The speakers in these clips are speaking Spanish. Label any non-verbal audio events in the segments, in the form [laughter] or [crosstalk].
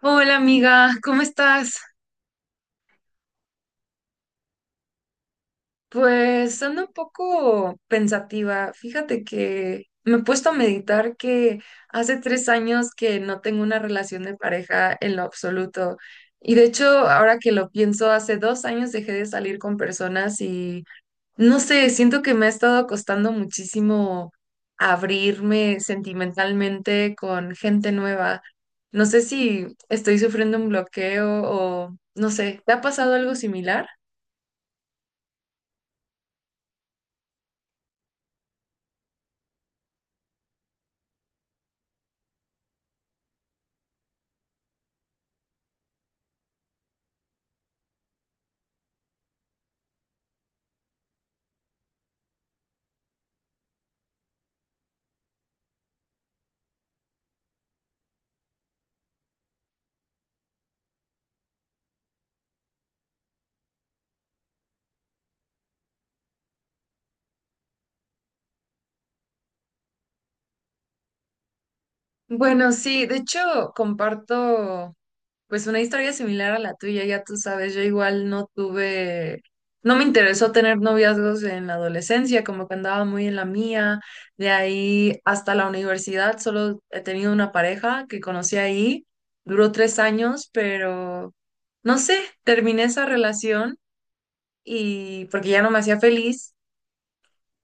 Hola amiga, ¿cómo estás? Pues ando un poco pensativa. Fíjate que me he puesto a meditar que hace 3 años que no tengo una relación de pareja en lo absoluto. Y de hecho, ahora que lo pienso, hace 2 años dejé de salir con personas y no sé, siento que me ha estado costando muchísimo abrirme sentimentalmente con gente nueva. No sé si estoy sufriendo un bloqueo o no sé, ¿te ha pasado algo similar? Bueno, sí, de hecho comparto pues una historia similar a la tuya, ya tú sabes, yo igual no tuve, no me interesó tener noviazgos en la adolescencia, como que andaba muy en la mía, de ahí hasta la universidad solo he tenido una pareja que conocí ahí, duró 3 años, pero no sé, terminé esa relación y porque ya no me hacía feliz.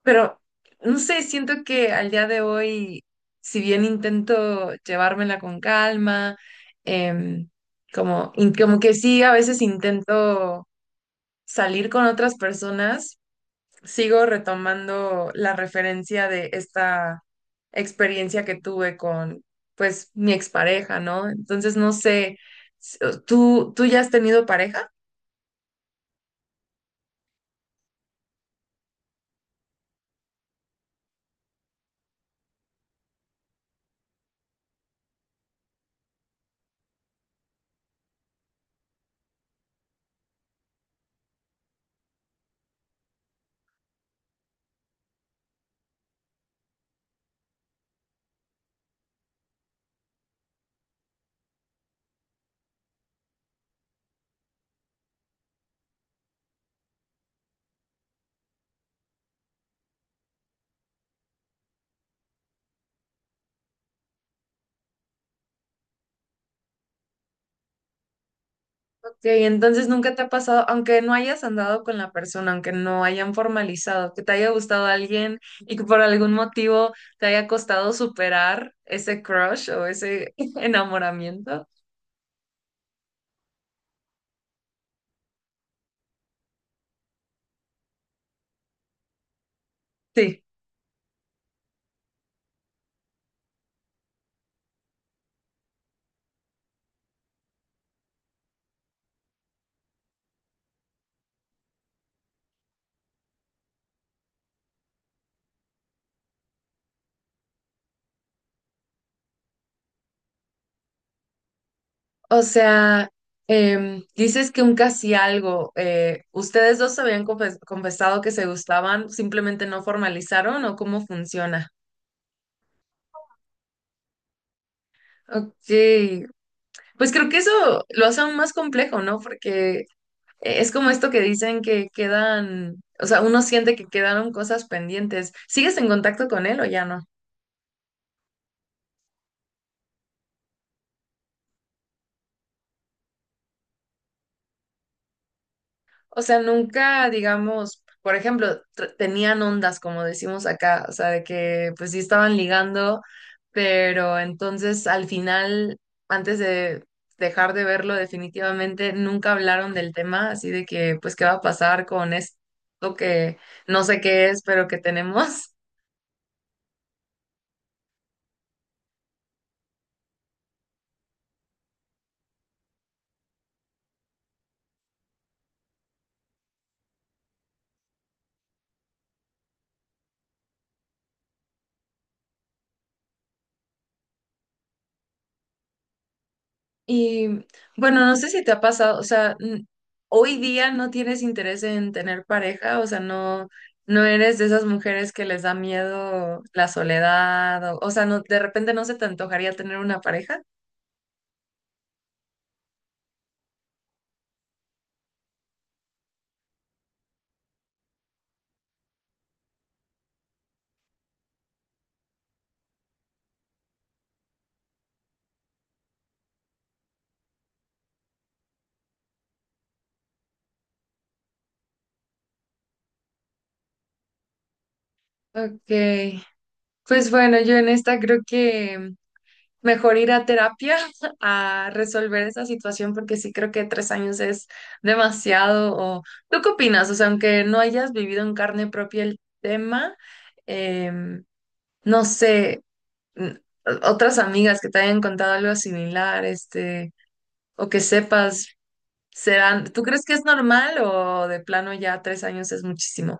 Pero no sé, siento que al día de hoy, si bien intento llevármela con calma, em, como que sí, a veces intento salir con otras personas, sigo retomando la referencia de esta experiencia que tuve con, pues, mi expareja, ¿no? Entonces, no sé, s- ¿tú ya has tenido pareja? Ok, entonces nunca te ha pasado, aunque no hayas andado con la persona, aunque no hayan formalizado, que te haya gustado alguien y que por algún motivo te haya costado superar ese crush o ese [laughs] enamoramiento. Sí, o sea, dices que un casi algo, ¿ustedes dos se habían confesado que se gustaban, simplemente no formalizaron o cómo funciona? Ok, pues creo que eso lo hace aún más complejo, ¿no? Porque es como esto que dicen que quedan, o sea, uno siente que quedaron cosas pendientes. ¿Sigues en contacto con él o ya no? O sea, nunca, digamos, por ejemplo, tenían ondas, como decimos acá, o sea, de que pues sí estaban ligando, pero entonces al final, antes de dejar de verlo definitivamente, nunca hablaron del tema, así de que pues qué va a pasar con esto que no sé qué es, pero que tenemos. Y bueno, no sé si te ha pasado, o sea, hoy día no tienes interés en tener pareja, o sea, no, no eres de esas mujeres que les da miedo la soledad, o sea, no, de repente no se te antojaría tener una pareja. Ok, pues bueno, yo en esta creo que mejor ir a terapia [laughs] a resolver esa situación porque sí creo que 3 años es demasiado. O, ¿tú qué opinas? O sea, aunque no hayas vivido en carne propia el tema. em, no sé, n- otras amigas que te hayan contado algo similar, este, o que sepas, serán, ¿tú crees que es normal o de plano ya 3 años es muchísimo?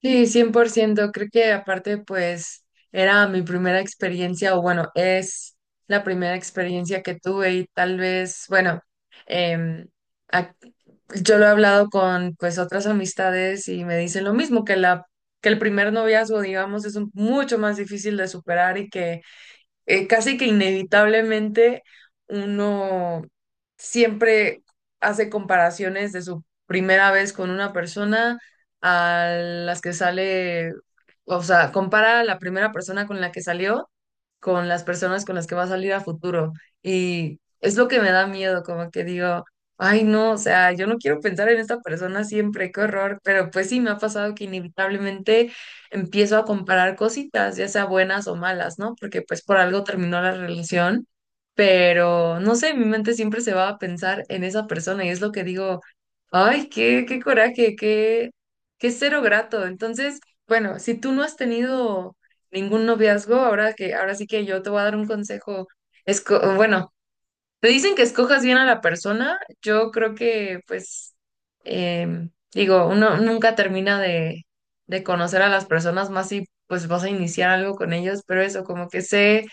Sí, 100% creo que aparte pues era mi primera experiencia o bueno, es la primera experiencia que tuve y tal vez, bueno, em, ac- yo lo he hablado con pues otras amistades y me dicen lo mismo, que el primer noviazgo, digamos, es mucho más difícil de superar y que casi que inevitablemente uno siempre hace comparaciones de su primera vez con una persona a las que sale, o sea, compara a la primera persona con la que salió con las personas con las que va a salir a futuro. Y es lo que me da miedo, como que digo, ay, no, o sea, yo no quiero pensar en esta persona siempre, qué horror, pero pues sí, me ha pasado que inevitablemente empiezo a comparar cositas, ya sea buenas o malas, ¿no? Porque pues por algo terminó la relación, pero no sé, mi mente siempre se va a pensar en esa persona y es lo que digo, ay, qué, qué coraje, qué, qué cero grato. Entonces, bueno, si tú no has tenido ningún noviazgo, ahora que, ahora sí que yo te voy a dar un consejo. Es, bueno, te dicen que escojas bien a la persona, yo creo que, pues, digo, uno nunca termina de conocer a las personas más si, pues, vas a iniciar algo con ellos, pero eso, como que sé,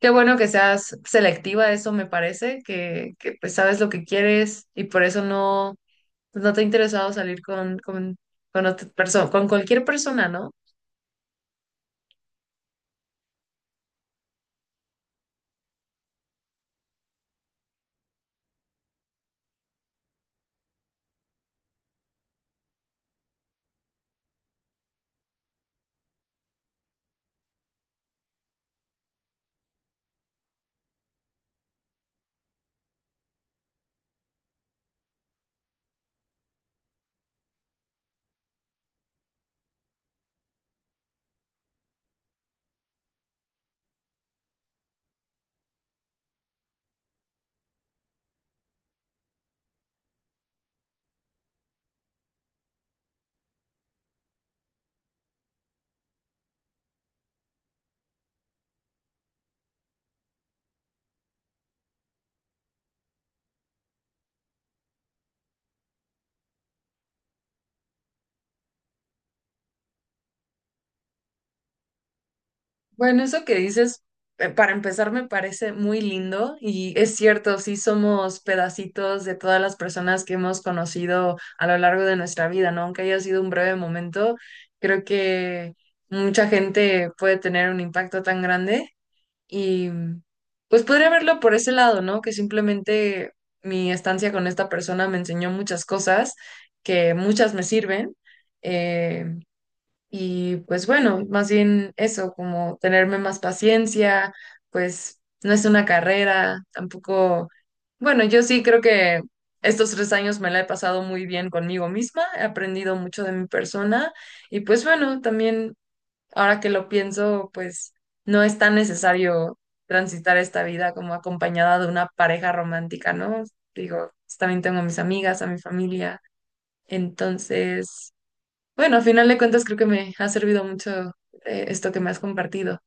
qué bueno que seas selectiva, eso me parece, que pues, sabes lo que quieres y por eso no, pues, no te ha interesado salir con con cualquier persona, ¿no? Bueno, eso que dices, para empezar, me parece muy lindo y es cierto, sí somos pedacitos de todas las personas que hemos conocido a lo largo de nuestra vida, ¿no? Aunque haya sido un breve momento, creo que mucha gente puede tener un impacto tan grande y pues podría verlo por ese lado, ¿no? Que simplemente mi estancia con esta persona me enseñó muchas cosas que muchas me sirven. eh, y pues bueno, más bien eso, como tenerme más paciencia, pues no es una carrera, tampoco, bueno, yo sí creo que estos 3 años me la he pasado muy bien conmigo misma, he aprendido mucho de mi persona y pues bueno, también ahora que lo pienso, pues no es tan necesario transitar esta vida como acompañada de una pareja romántica, ¿no? Digo, pues, también tengo a mis amigas, a mi familia, entonces... Bueno, a final de cuentas creo que me ha servido mucho esto que me has compartido.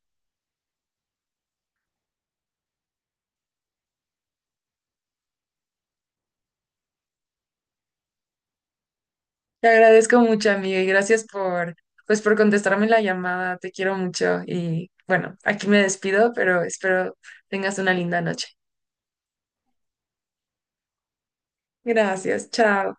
Te agradezco mucho, amiga, y gracias por, pues, por contestarme la llamada. Te quiero mucho y bueno, aquí me despido, pero espero tengas una linda noche. Gracias, chao.